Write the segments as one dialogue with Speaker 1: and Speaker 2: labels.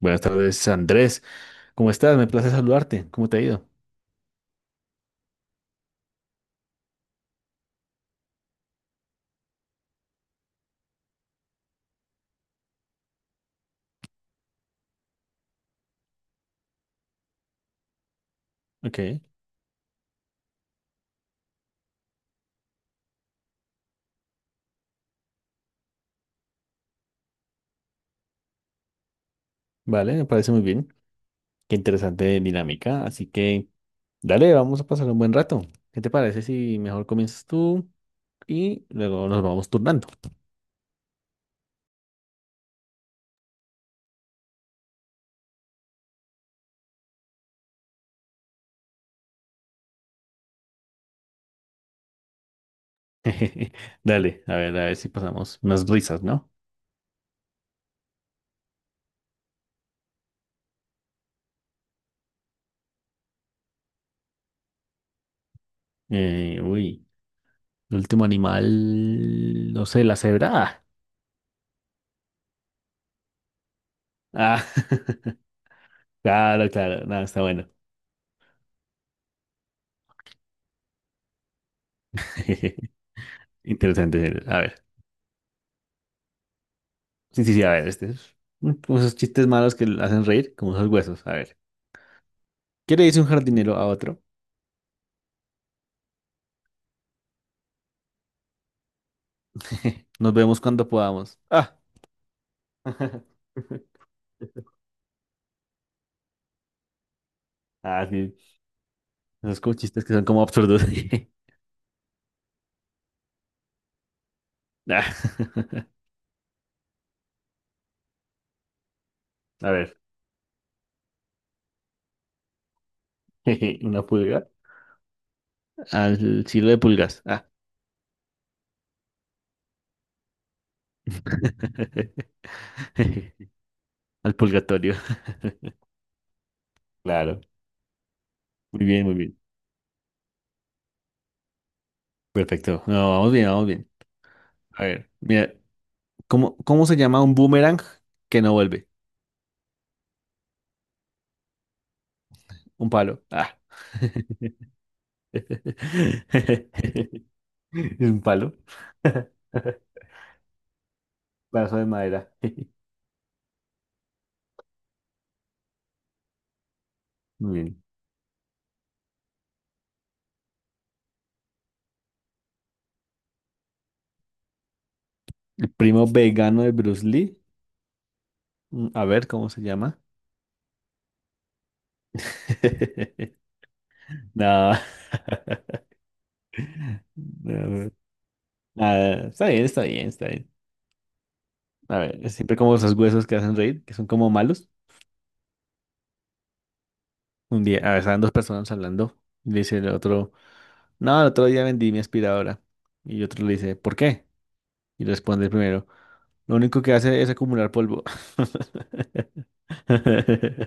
Speaker 1: Buenas tardes, Andrés. ¿Cómo estás? Me place saludarte. ¿Cómo te ha ido? Ok, vale, me parece muy bien. Qué interesante dinámica. Así que, dale, vamos a pasar un buen rato. ¿Qué te parece si mejor comienzas tú y luego nos vamos turnando? Dale, a ver si pasamos unas risas, ¿no? Uy, el último animal, no sé, la cebra. Ah, claro, claro, nada, está bueno. Interesante. A ver. Sí, sí, sí, a ver, este es como esos chistes malos que le hacen reír, como esos huesos. A ver. ¿Qué le dice un jardinero a otro? Nos vemos cuando podamos. Ah. Ah, sí. Esos como chistes que son como absurdos. Ah. A ver. Una pulga. Al cielo de pulgas. Ah. Al purgatorio. Claro. Muy bien, muy bien. Perfecto. No, vamos bien, vamos bien. A ver. Mira, ¿cómo se llama un boomerang que no vuelve? Un palo. Ah. Es un palo. Brazo de madera. Muy bien. El primo vegano de Bruce Lee. A ver cómo se llama. No. No, nada, está bien, está bien, está bien. A ver, siempre como esos huesos que hacen reír, que son como malos. Un día, a ver, estaban dos personas hablando. Y le dice el otro, no, el otro día vendí mi aspiradora. Y otro le dice, ¿por qué? Y responde el primero. Lo único que hace es acumular polvo.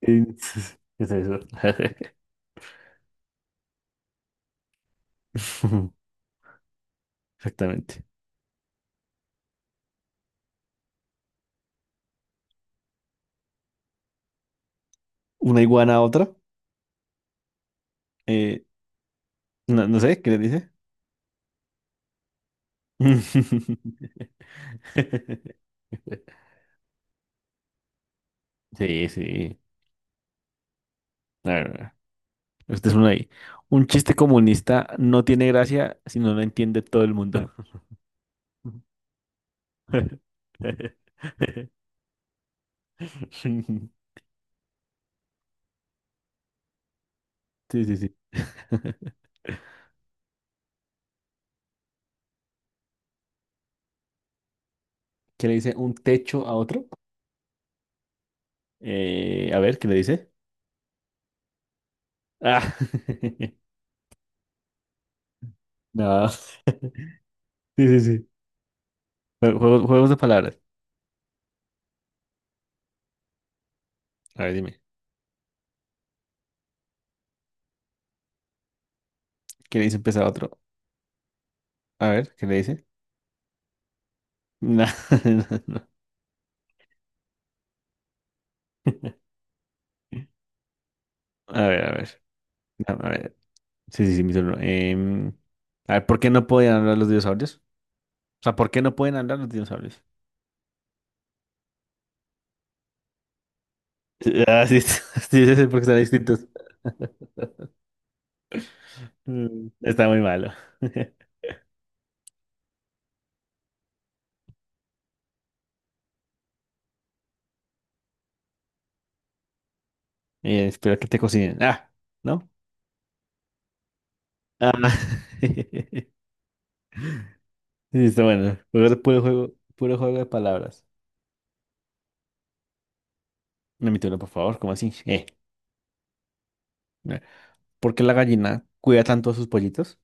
Speaker 1: ¿Qué es eso? Exactamente. Una iguana a otra. eh, no, no sé, ¿qué le dice? Sí, sí. A ver, este es uno ahí. Un chiste comunista no tiene gracia si no lo entiende todo el mundo. Sí, sí, sí. ¿Qué le dice un techo a otro? A ver, ¿qué le dice? Ah, no. Sí, sí, sí. Juegos, juegos de palabras. A ver, dime. ¿Qué le dice un pez a otro? A ver, ¿qué le dice? No, no, no. A ver, a ver. No, a ver. Sí, sí, sí, mi turno. A ver, ¿por qué no podían hablar los dinosaurios? O sea, ¿por qué no pueden hablar los dinosaurios? Ah, sí, sí, sí, sí, porque están distintos. Está muy malo. Espero que te cocinen. Ah, ¿no? Ah. Sí, está bueno. Jugar puro juego de palabras. Permítelo, por favor, ¿cómo así? Eh. ¿Por qué la gallina cuida tanto a sus pollitos?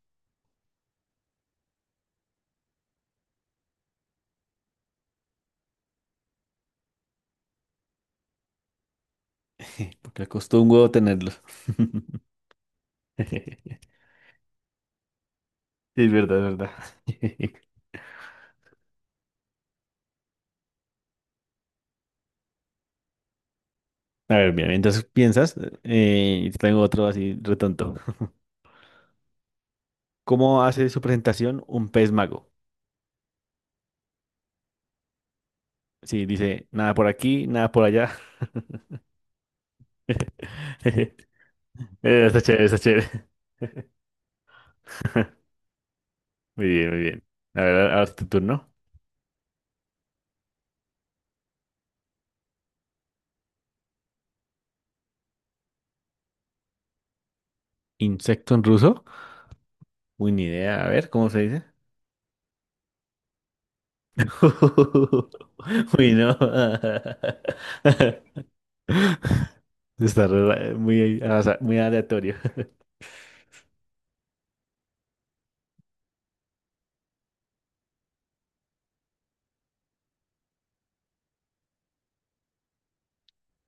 Speaker 1: Porque le costó un huevo tenerlos. Sí, es verdad, es verdad. A ver, bien, entonces piensas, y te tengo otro así retonto. ¿Cómo hace su presentación un pez mago? Sí, dice nada por aquí, nada por allá. Está chévere, está chévere. Muy bien, muy bien. A ver, ahora es tu turno. ¿Insecto en ruso? Uy, ni idea. A ver, ¿cómo se dice? Uy, no. Muy, muy aleatorio.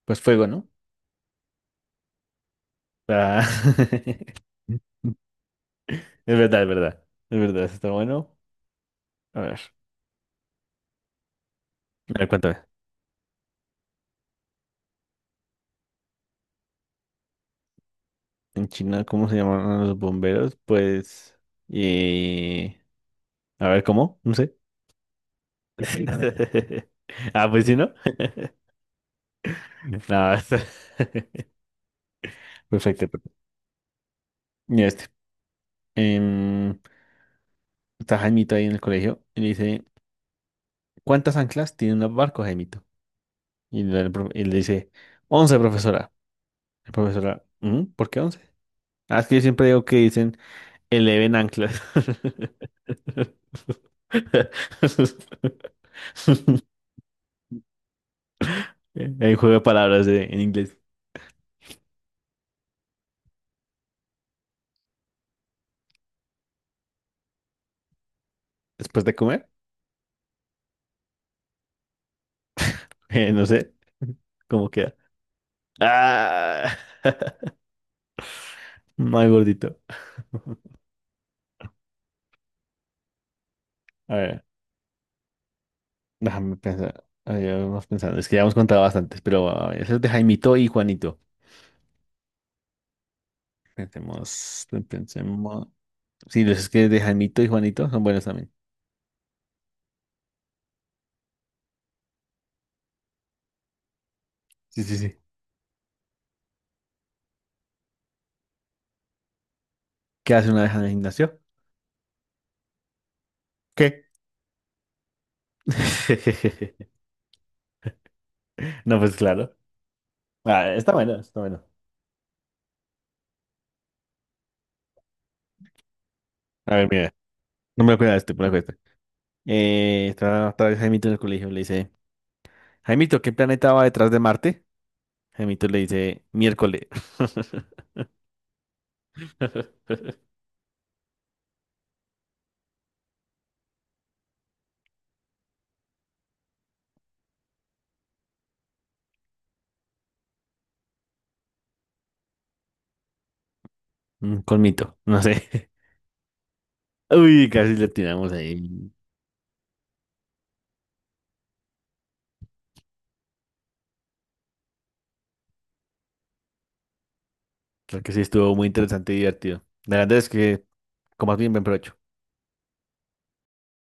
Speaker 1: Pues fuego, ¿no? Ah, es verdad, es verdad. Es verdad, está bueno. A ver, a ver, cuéntame. En China, ¿cómo se llaman los bomberos? Pues. Y. A ver, ¿cómo? No sé. Ah, pues sí, ¿no? No, está- perfecto. Perfecto. Mira este. Em, está Jaimito ahí en el colegio y le dice. ¿Cuántas anclas tienen los barcos, Jaimito? Y le dice, once profesora. La profesora, "¿Mm? ¿Por qué 11? Ah, es que yo siempre digo que dicen eleven anclas. El juego de palabras en inglés. Después de comer, no sé cómo queda. Ah, mal gordito. A ver, déjame pensar. A ver, vamos pensando. Es que ya hemos contado bastantes, pero a ver, ese es de Jaimito y Juanito. Pensemos, pensemos. Sí, los es que de Jaimito y Juanito son buenos también. Sí, sí, sí. ¿Qué hace una vez en el gimnasio? ¿Qué? No, pues claro. Ah, está bueno, está bueno. A ver, mira, no me lo cuesta este, me lo cuesta. Está otra vez Jaimito en el colegio, le dice, Jaimito, ¿qué planeta va detrás de Marte? Jaimito le dice, miércoles. Con mito, no sé. Uy, casi le tiramos ahí. Creo que sí estuvo muy interesante y divertido. De verdad es que comas bien, buen provecho.